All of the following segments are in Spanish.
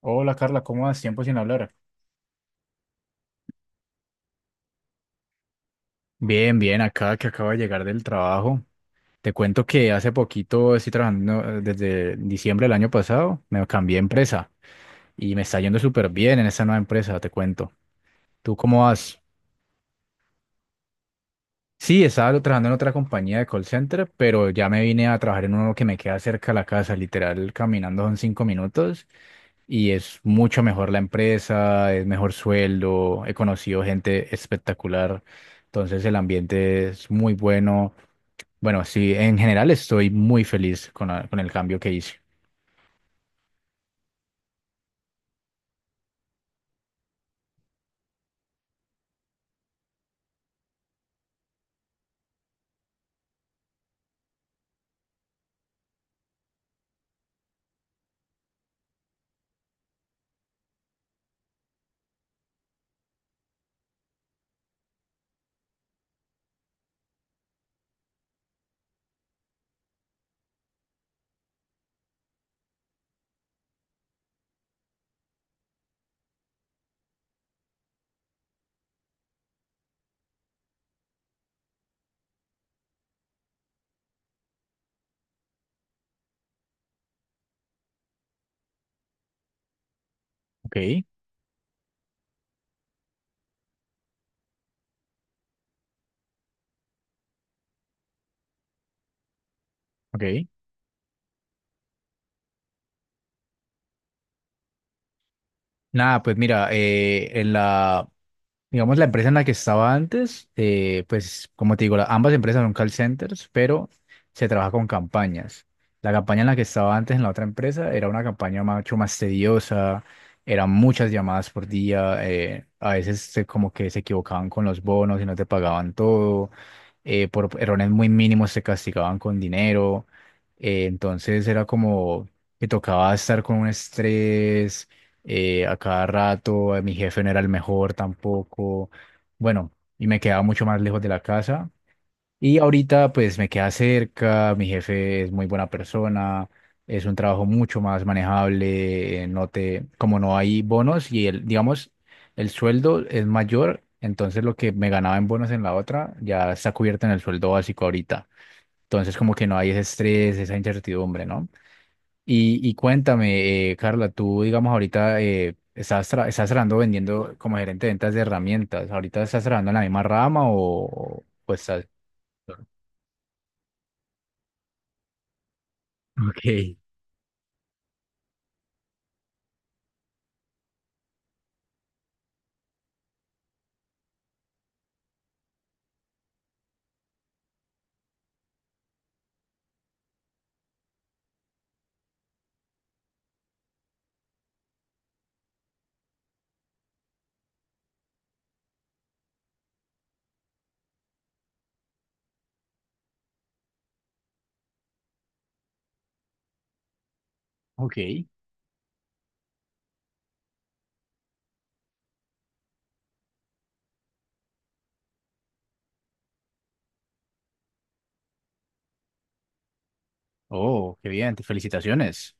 Hola, Carla, ¿cómo vas? Tiempo sin hablar. Bien, bien, acá que acabo de llegar del trabajo. Te cuento que hace poquito estoy trabajando desde diciembre del año pasado, me cambié de empresa y me está yendo súper bien en esa nueva empresa, te cuento. ¿Tú cómo vas? Sí, estaba trabajando en otra compañía de call center, pero ya me vine a trabajar en uno que me queda cerca de la casa, literal, caminando son 5 minutos y es mucho mejor la empresa, es mejor sueldo, he conocido gente espectacular, entonces el ambiente es muy bueno. Bueno, sí, en general estoy muy feliz con el cambio que hice. Ok, ok. Nada, pues mira, en la Digamos, la empresa en la que estaba antes, pues como te digo, ambas empresas son call centers, pero se trabaja con campañas. La campaña en la que estaba antes en la otra empresa era una mucho más tediosa, eran muchas llamadas por día, a veces como que se equivocaban con los bonos y no te pagaban todo, por errores muy mínimos te castigaban con dinero, entonces era como que tocaba estar con un estrés a cada rato, mi jefe no era el mejor tampoco, bueno, y me quedaba mucho más lejos de la casa. Y ahorita pues me queda cerca, mi jefe es muy buena persona, es un trabajo mucho más manejable, no te, como no hay bonos y el, digamos, el sueldo es mayor, entonces lo que me ganaba en bonos en la otra ya está cubierto en el sueldo básico ahorita. Entonces como que no hay ese estrés, esa incertidumbre, ¿no? Y cuéntame, Carla, tú, digamos, ahorita estás trabajando vendiendo como gerente de ventas de herramientas. ¿Ahorita estás trabajando en la misma rama o pues estás... Okay, okay. Oh, qué bien, felicitaciones.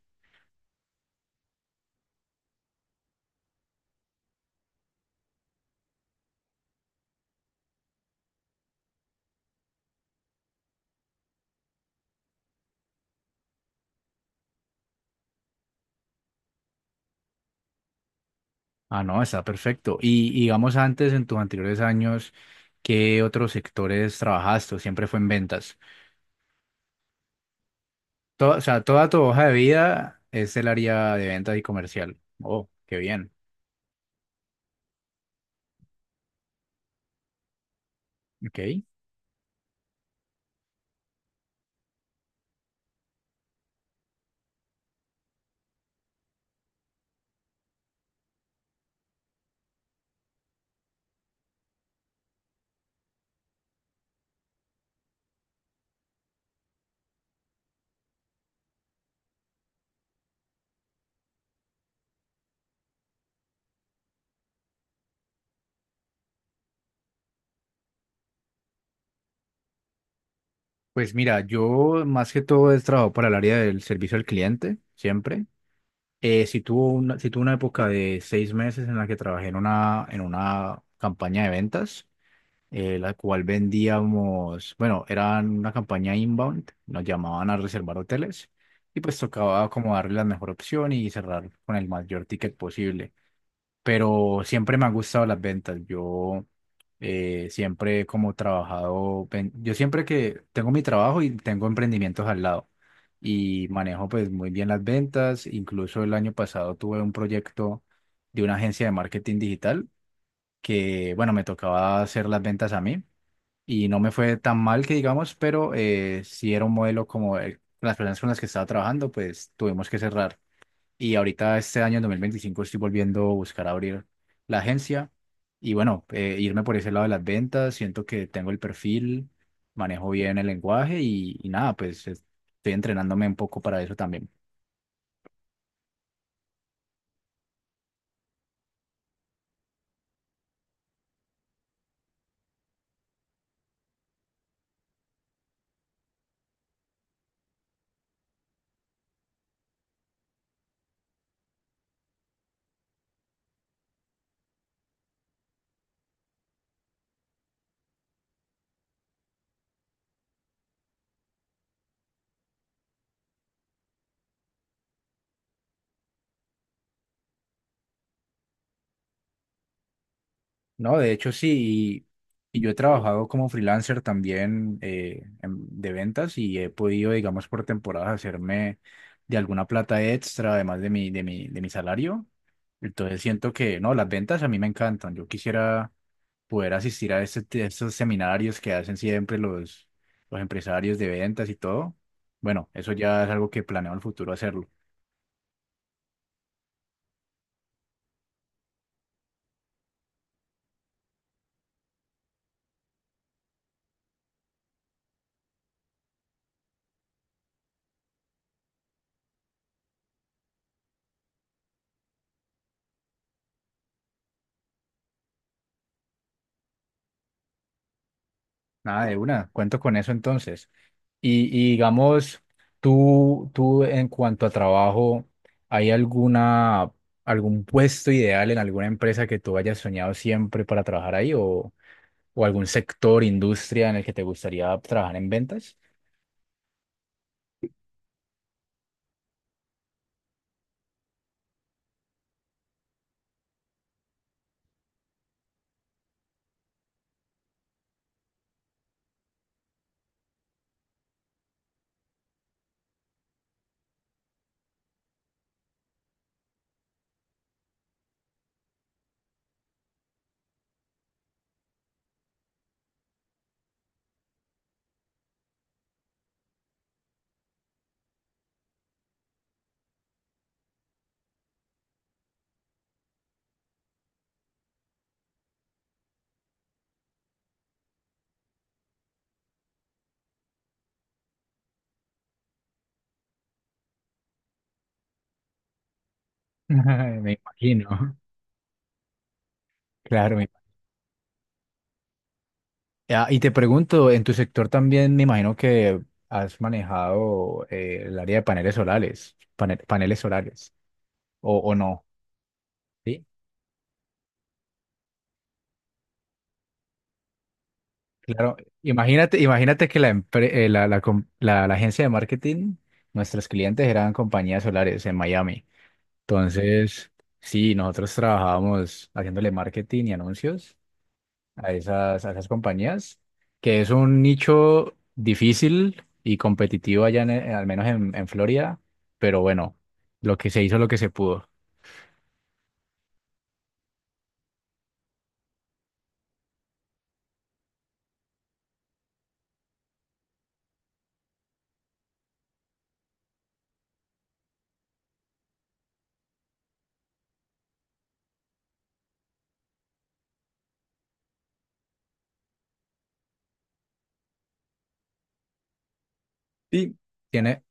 Ah, no, está perfecto. Y digamos, antes, en tus anteriores años, ¿qué otros sectores trabajaste? ¿O siempre fue en ventas? O sea, toda tu hoja de vida es el área de ventas y comercial. Oh, qué bien. Ok. Pues mira, yo más que todo he trabajado para el área del servicio al cliente, siempre. Sí tuve una época de 6 meses en la que trabajé en una campaña de ventas, la cual vendíamos, bueno, era una campaña inbound, nos llamaban a reservar hoteles y pues tocaba como darle la mejor opción y cerrar con el mayor ticket posible, pero siempre me han gustado las ventas. Yo siempre he como trabajado, yo siempre que tengo mi trabajo y tengo emprendimientos al lado y manejo pues muy bien las ventas. Incluso el año pasado tuve un proyecto de una agencia de marketing digital que, bueno, me tocaba hacer las ventas a mí y no me fue tan mal que digamos, pero sí era un modelo las personas con las que estaba trabajando, pues tuvimos que cerrar. Y ahorita este año, en 2025 estoy volviendo a buscar abrir la agencia y bueno, irme por ese lado de las ventas. Siento que tengo el perfil, manejo bien el lenguaje y nada, estoy entrenándome un poco para eso también. No, de hecho sí, y yo he trabajado como freelancer también de ventas y he podido, digamos, por temporadas hacerme de alguna plata extra, además de mi salario. Entonces siento que, no, las ventas a mí me encantan. Yo quisiera poder asistir a a estos seminarios que hacen siempre los empresarios de ventas y todo. Bueno, eso ya es algo que planeo en el futuro hacerlo. Nada de una, cuento con eso entonces. Y digamos, tú en cuanto a trabajo, ¿hay alguna, algún puesto ideal en alguna empresa que tú hayas soñado siempre para trabajar ahí o algún sector, industria en el que te gustaría trabajar en ventas? Me imagino, claro, me Ah, y te pregunto, en tu sector también me imagino que has manejado el área de paneles solares, paneles solares, o no. Sí, claro, imagínate, imagínate que la, empre- la, la com- la- la agencia de marketing, nuestros clientes eran compañías solares en Miami. Entonces, sí, nosotros trabajábamos haciéndole marketing y anuncios a esas compañías, que es un nicho difícil y competitivo allá, al menos en Florida, pero bueno, lo que se hizo, lo que se pudo. y Tiene,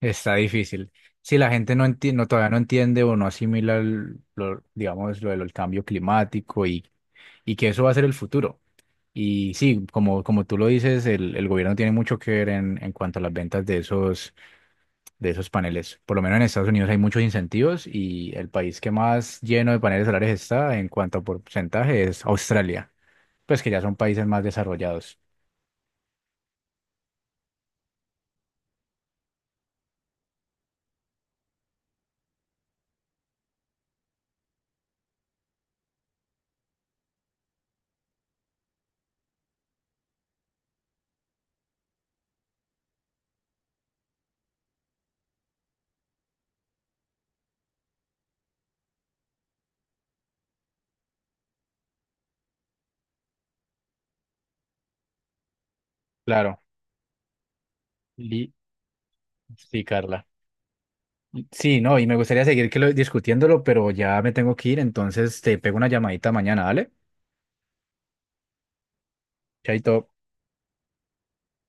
está difícil. Si la gente no todavía no entiende o no asimila lo, digamos, lo del cambio climático y que eso va a ser el futuro. Y sí, como, como tú lo dices, el gobierno tiene mucho que ver en cuanto a las ventas de esos paneles. Por lo menos en Estados Unidos hay muchos incentivos y el país que más lleno de paneles solares está en cuanto a porcentaje es Australia, pues que ya son países más desarrollados. Claro, Li- sí, Carla. Sí, no, y me gustaría seguir que discutiéndolo, pero ya me tengo que ir, entonces te pego una llamadita mañana, ¿vale? Chaito.